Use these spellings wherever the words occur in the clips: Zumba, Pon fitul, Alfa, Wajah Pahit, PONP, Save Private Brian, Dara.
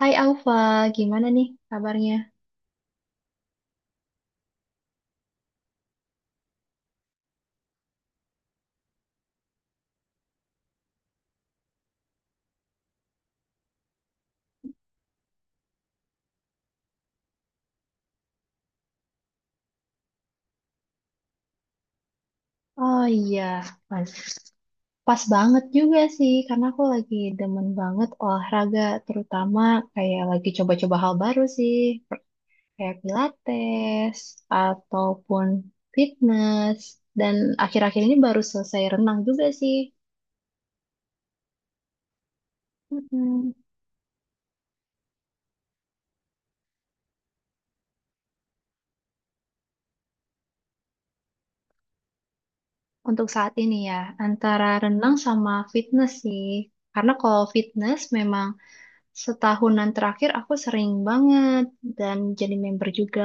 Hai Alfa, gimana nih kabarnya? Oh iya, pas, pas banget juga sih, karena aku lagi demen banget olahraga, terutama kayak lagi coba-coba hal baru sih, kayak pilates, ataupun fitness, dan akhir-akhir ini baru selesai renang juga sih. Mm-mm. Untuk saat ini ya, antara renang sama fitness sih, karena kalau fitness memang setahunan terakhir aku sering banget dan jadi member juga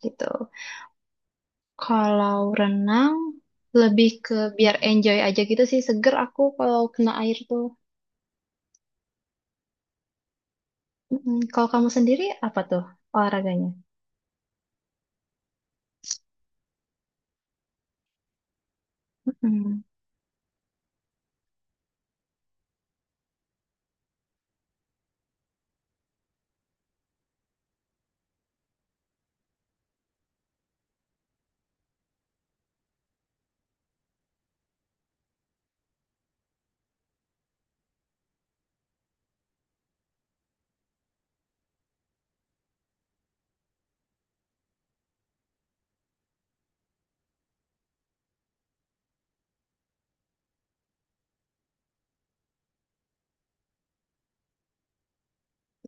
gitu. Kalau renang lebih ke biar enjoy aja gitu sih, seger aku kalau kena air tuh. Mm-mm. Kalau kamu sendiri apa tuh olahraganya? Mm-mm.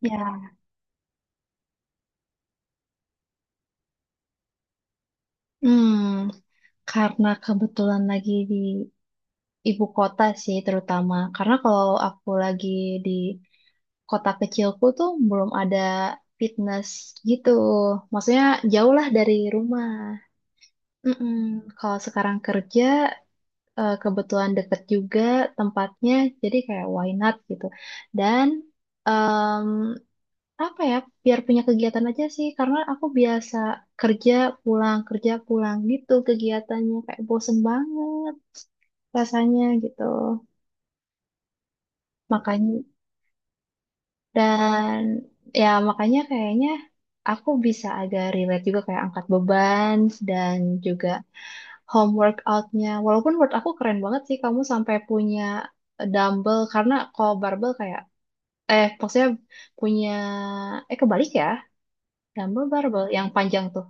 Ya, hmm, karena kebetulan lagi di ibu kota sih terutama. Karena kalau aku lagi di kota kecilku tuh belum ada fitness gitu. Maksudnya jauh lah dari rumah. Mm-mm. Kalau sekarang kerja kebetulan deket juga tempatnya, jadi kayak why not gitu. Dan em, apa ya, biar punya kegiatan aja sih, karena aku biasa kerja kerja pulang gitu kegiatannya kayak bosen banget rasanya gitu. Makanya dan ya makanya kayaknya aku bisa agak relate juga kayak angkat beban dan juga home workoutnya. Walaupun menurut aku keren banget sih kamu sampai punya dumbbell karena kalau barbell kayak maksudnya punya kebalik ya dumbbell barbell yang panjang tuh.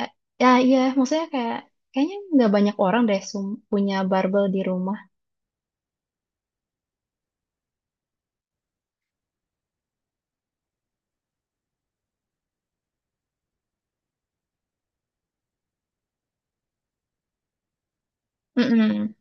Eh, ya iya maksudnya kayak kayaknya nggak banyak orang deh punya barbell di rumah. Mm-mm,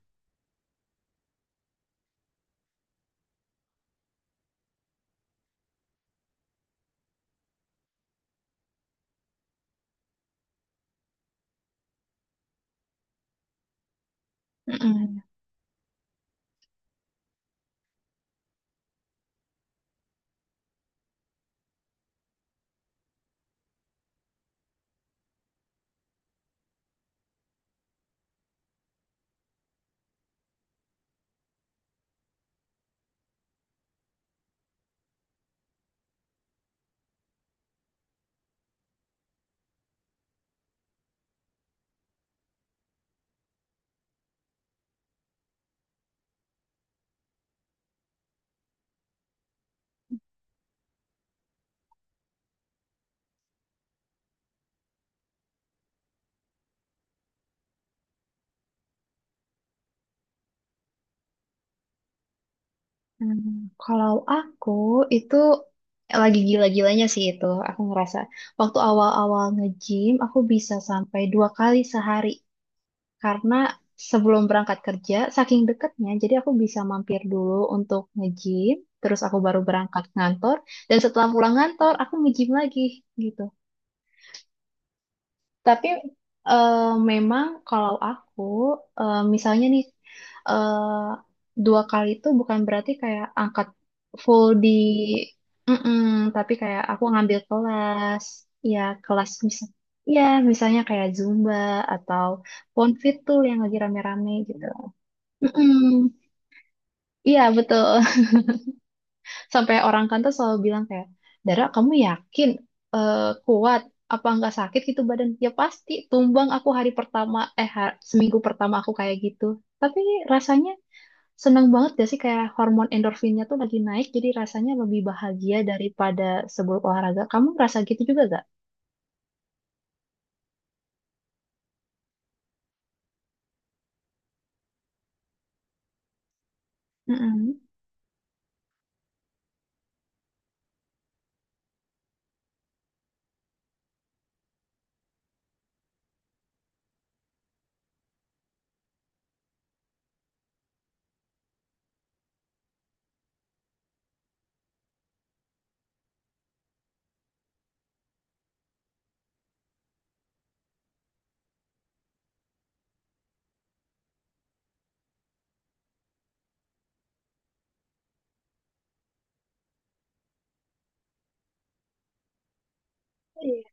mm-mm. Hmm, kalau aku itu lagi gila-gilanya sih itu. Aku ngerasa waktu awal-awal nge-gym aku bisa sampai dua kali sehari karena sebelum berangkat kerja saking deketnya jadi aku bisa mampir dulu untuk nge-gym terus aku baru berangkat kantor dan setelah pulang kantor aku nge-gym lagi gitu. Tapi eh, memang kalau aku misalnya nih eh, dua kali itu bukan berarti kayak angkat full di mm-mm, tapi kayak aku ngambil kelas ya kelas misal ya misalnya kayak Zumba atau Pon fitul yang lagi rame-rame gitu. Mm-mm. Iya betul. Sampai orang kantor selalu bilang kayak, Dara kamu yakin eh, kuat apa nggak sakit gitu badan? Ya pasti tumbang aku hari pertama seminggu pertama aku kayak gitu. Tapi rasanya seneng banget gak sih kayak hormon endorfinnya tuh lagi naik jadi rasanya lebih bahagia daripada sebelum olahraga. Kamu ngerasa gitu juga gak? Mm-mm. Iya.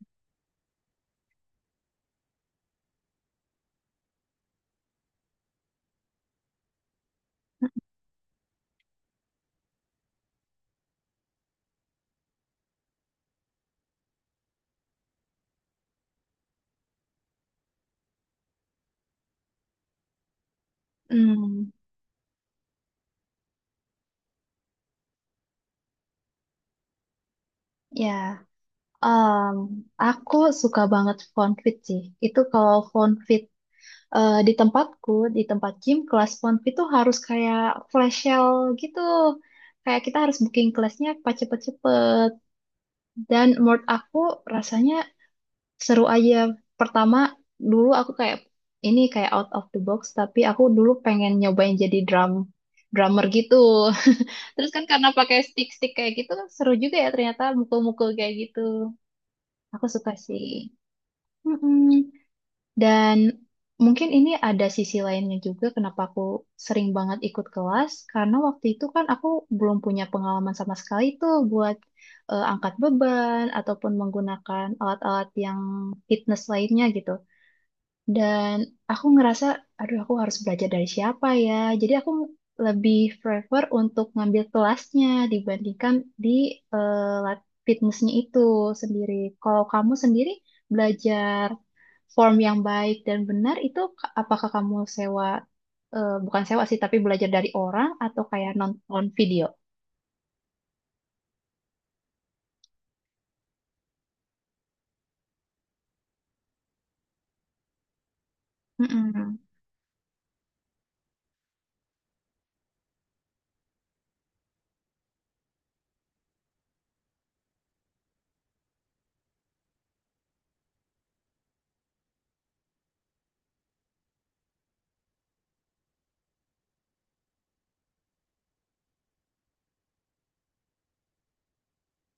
Hmm, ya, Em, aku suka banget fonfit sih. Itu kalau fonfit eh, di tempatku, di tempat gym, kelas PONP itu harus kayak flash sale gitu. Kayak kita harus booking kelasnya pas cepet-cepet. Dan menurut aku rasanya seru aja. Pertama, dulu aku kayak, ini kayak out of the box, tapi aku dulu pengen nyobain jadi drummer gitu. Terus kan karena pakai stick-stick kayak gitu, kan seru juga ya ternyata mukul-mukul kayak gitu. Aku suka sih. Mm-mm. Dan mungkin ini ada sisi lainnya juga kenapa aku sering banget ikut kelas, karena waktu itu kan aku belum punya pengalaman sama sekali tuh buat angkat beban ataupun menggunakan alat-alat yang fitness lainnya gitu. Dan aku ngerasa, aduh aku harus belajar dari siapa ya. Jadi aku lebih prefer untuk ngambil kelasnya dibandingkan di eh, lab fitnessnya itu sendiri. Kalau kamu sendiri belajar form yang baik dan benar itu apakah kamu sewa, bukan sewa sih, tapi belajar dari orang atau kayak nonton video? Mm-mm.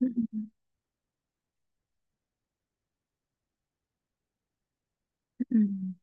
Mm-mm. Mm-mm.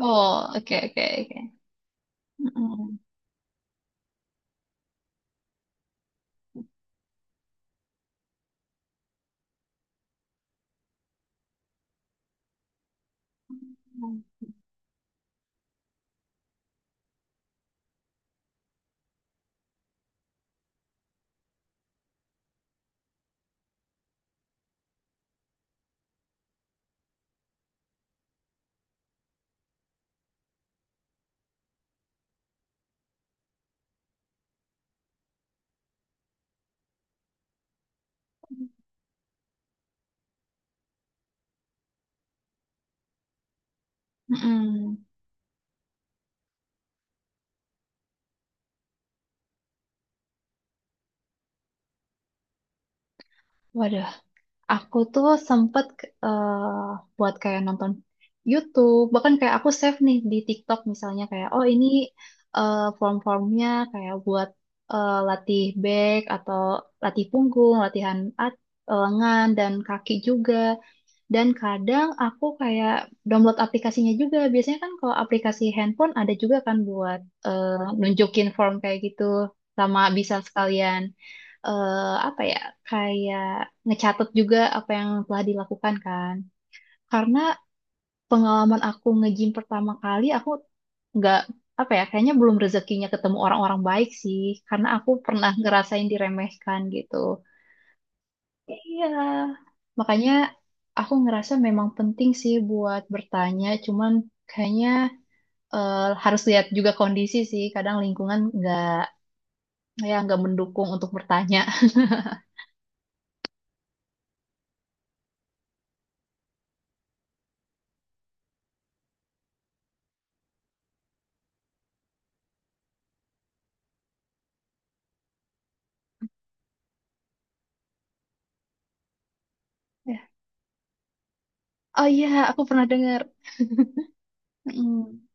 Oh, oke, oke, oke. Mm-mm. Mm-mm. Waduh, aku tuh sempet eh, buat kayak nonton YouTube, bahkan kayak aku save nih di TikTok misalnya kayak oh ini form-formnya kayak buat latih back atau latih punggung, lengan dan kaki juga. Dan kadang aku kayak download aplikasinya juga. Biasanya kan kalau aplikasi handphone ada juga kan buat eh, nunjukin form kayak gitu. Sama bisa sekalian eh, apa ya kayak ngecatat juga apa yang telah dilakukan kan. Karena pengalaman aku nge-gym pertama kali aku nggak apa ya kayaknya belum rezekinya ketemu orang-orang baik sih. Karena aku pernah ngerasain diremehkan gitu. Iya. Makanya aku ngerasa memang penting sih buat bertanya, cuman kayaknya harus lihat juga kondisi sih. Kadang lingkungan nggak ya nggak mendukung untuk bertanya. Ya. Oh iya, aku pernah dengar. Mm,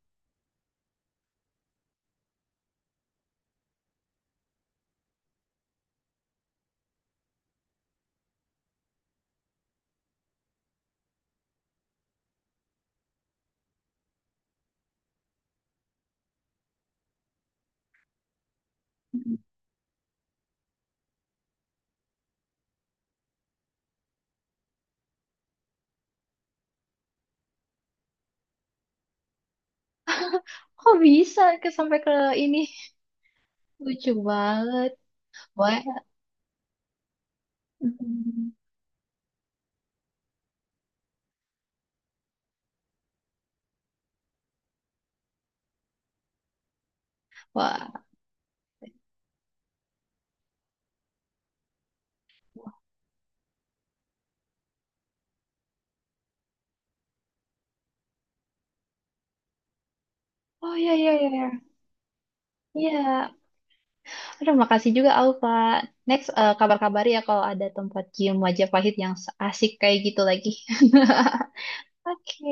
mm. Kok bisa ke sampai ke ini? Lucu banget. Wah. Mm. Wah. Oh iya iya iya. Iya. Iya. Terima kasih juga Alfa. Next, kabar-kabari ya kalau ada tempat gym Wajah Pahit yang asik kayak gitu lagi. Oke.